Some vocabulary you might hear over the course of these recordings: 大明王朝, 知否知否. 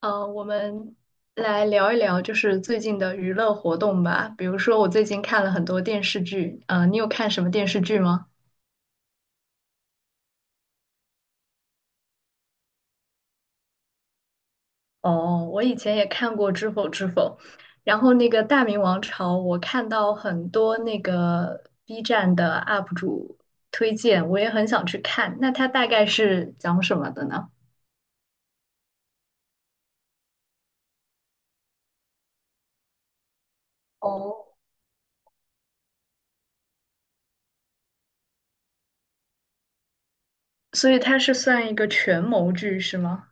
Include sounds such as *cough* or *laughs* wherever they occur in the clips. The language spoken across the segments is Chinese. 我们来聊一聊，就是最近的娱乐活动吧。比如说，我最近看了很多电视剧，你有看什么电视剧吗？哦，我以前也看过《知否知否》，然后那个《大明王朝》，我看到很多那个 B 站的 UP 主推荐，我也很想去看。那它大概是讲什么的呢？哦，所以它是算一个权谋剧是吗？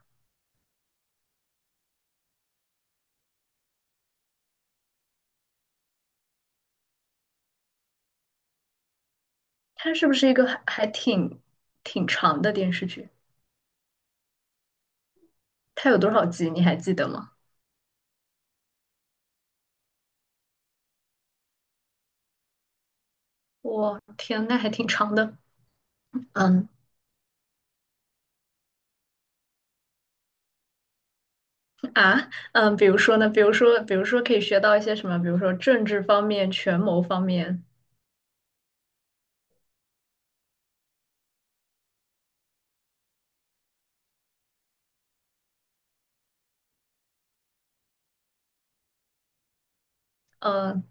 它是不是一个还挺长的电视剧？它有多少集？你还记得吗？我天，那还挺长的。嗯比如说呢，比如说可以学到一些什么，比如说政治方面、权谋方面，嗯，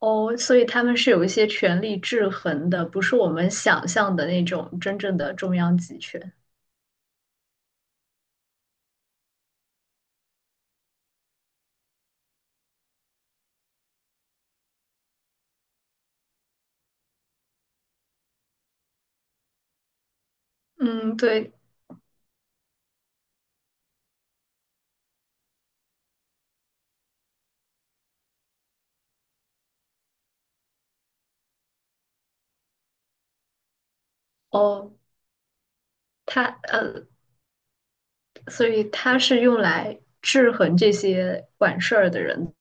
哦，所以他们是有一些权力制衡的，不是我们想象的那种真正的中央集权。嗯，对，哦，他呃，所以他是用来制衡这些管事儿的人。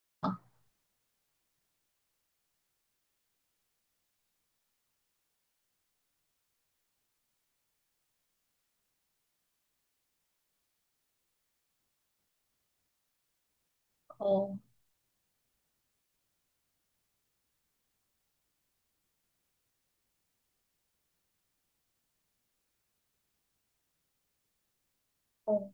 哦哦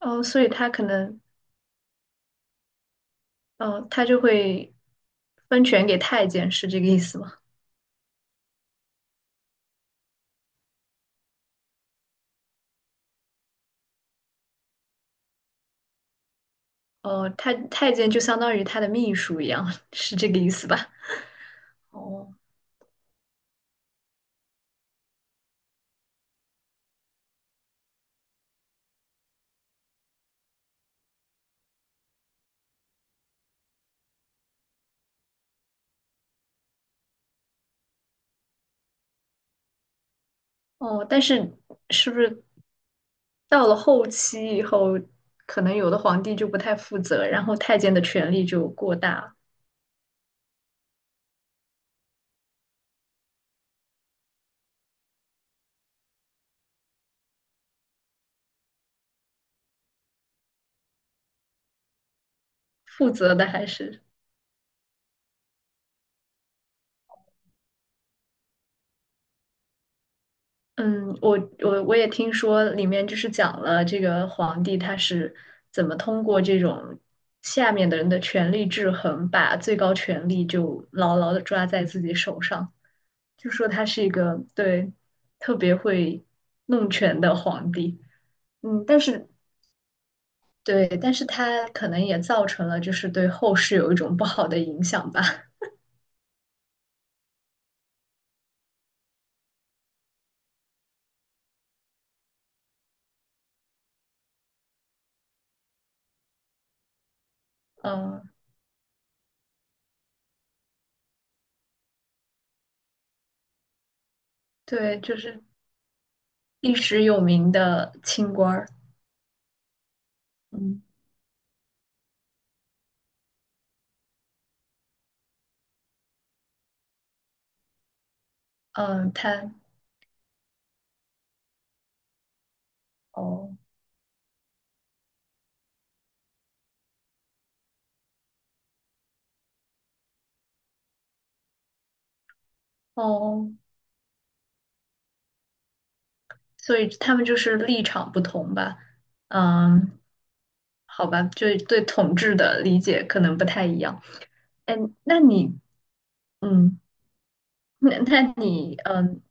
哦，所以他可能，嗯，他就会分权给太监，是这个意思吗？哦，太监就相当于他的秘书一样，*laughs* 是这个意思吧？哦哦，但是是不是到了后期以后，可能有的皇帝就不太负责，然后太监的权力就过大了负责的还是。嗯，我也听说里面就是讲了这个皇帝他是怎么通过这种下面的人的权力制衡，把最高权力就牢牢的抓在自己手上，就说他是一个对特别会弄权的皇帝。嗯，但是对，但是他可能也造成了就是对后世有一种不好的影响吧。嗯，对，就是历史有名的清官儿。嗯嗯，哦。哦，所以他们就是立场不同吧？嗯，好吧，就对统治的理解可能不太一样。哎，那你，嗯，那你，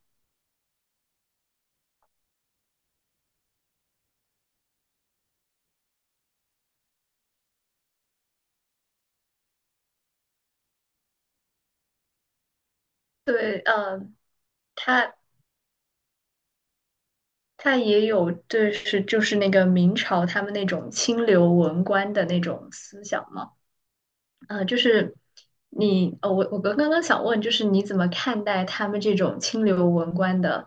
对，他他也有对是就是那个明朝他们那种清流文官的那种思想吗？就是你，我刚想问，就是你怎么看待他们这种清流文官的，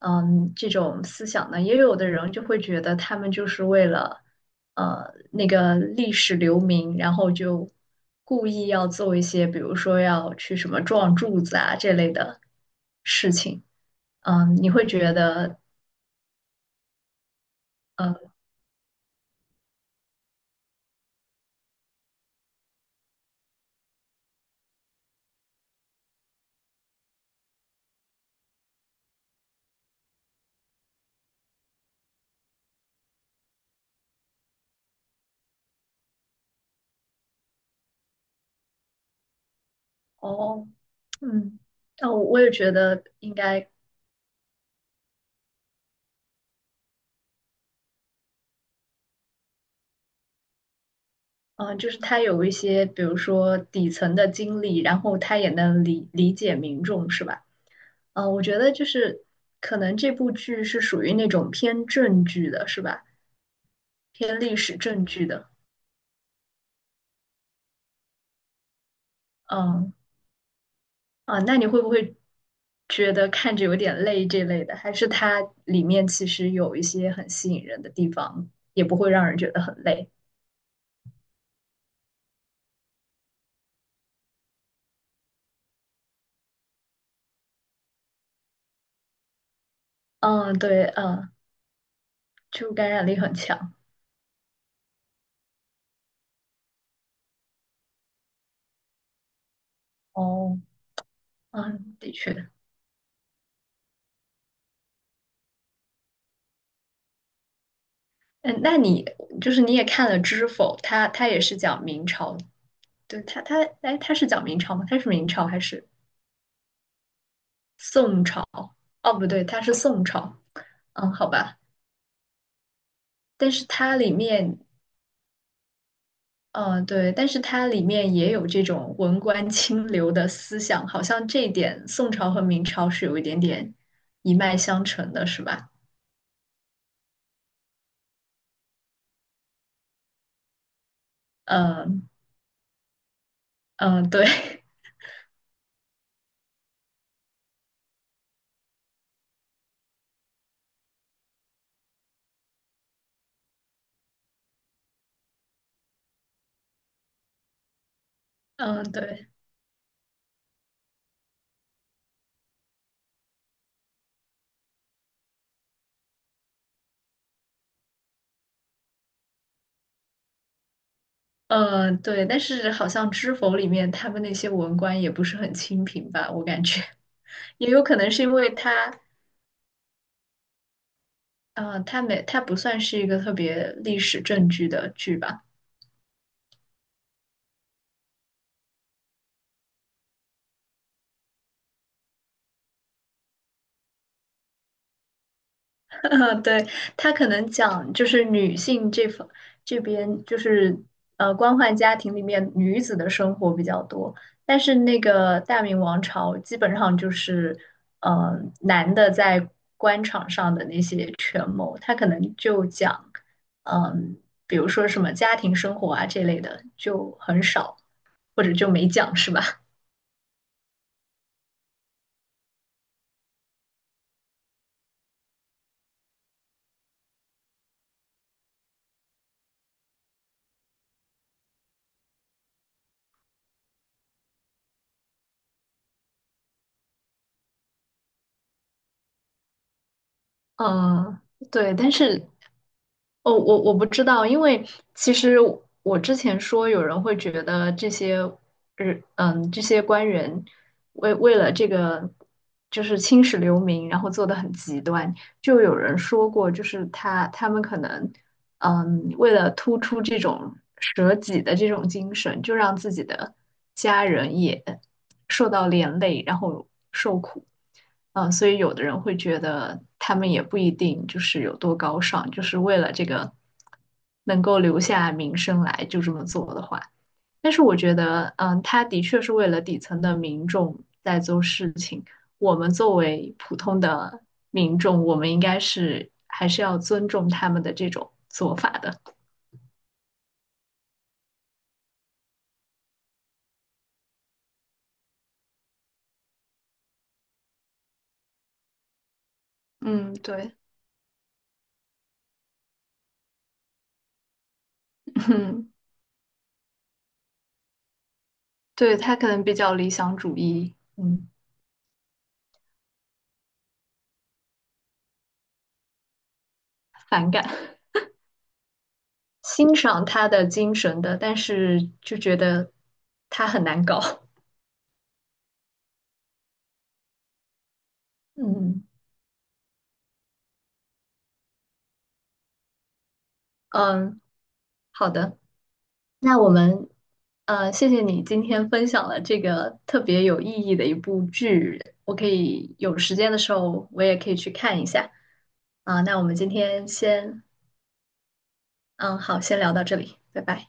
这种思想呢？也有的人就会觉得他们就是为了，那个历史留名，然后就故意要做一些，比如说要去什么撞柱子啊这类的事情。嗯，你会觉得，呃，哦，嗯，那我也觉得应该嗯、就是他有一些，比如说底层的经历，然后他也能理解民众，是吧？我觉得就是可能这部剧是属于那种偏正剧的，是吧？偏历史正剧的。嗯那你会不会觉得看着有点累这类的？还是它里面其实有一些很吸引人的地方，也不会让人觉得很累？嗯，对，就感染力很强。哦，嗯，的确。嗯，那你就是你也看了《知否》，它也是讲明朝，对，它是讲明朝吗？它是明朝还是宋朝？哦，不对，它是宋朝。嗯，好吧，但是它里面，嗯，对，但是它里面也有这种文官清流的思想，好像这一点宋朝和明朝是有一点点一脉相承的，是吧？嗯嗯，对，*laughs* 嗯对。对，但是好像知否里面他们那些文官也不是很清贫吧，我感觉 *laughs* 也有可能是因为他，他没，他不算是一个特别历史正剧的剧吧。*laughs* 嗯，对，他可能讲就是女性这边就是官宦家庭里面女子的生活比较多，但是那个大明王朝基本上就是呃男的在官场上的那些权谋，他可能就讲嗯、比如说什么家庭生活啊这类的就很少，或者就没讲是吧？嗯，对，但是哦，我不知道，因为其实我之前说有人会觉得这些官员为了这个就是青史留名，然后做的很极端，就有人说过，就是他们可能为了突出这种舍己的这种精神，就让自己的家人也受到连累，然后。受。嗯，所以有的人会觉得他们也不一定就是有多高尚，就是为了这个能够留下名声来就这么做的话，但是我觉得，嗯，他的确是为了底层的民众在做事情。我们作为普通的民众，我们应该是还是要尊重他们的这种做法的。嗯，对，*laughs* 嗯，对，他可能比较理想主义，嗯，反感。欣赏他的精神的，但是就觉得他很难搞。*laughs* 嗯嗯，好的，那我们谢谢你今天分享了这个特别有意义的一部剧，我可以有时间的时候我也可以去看一下。啊，那我们今天先，嗯，好，先聊到这里，拜拜。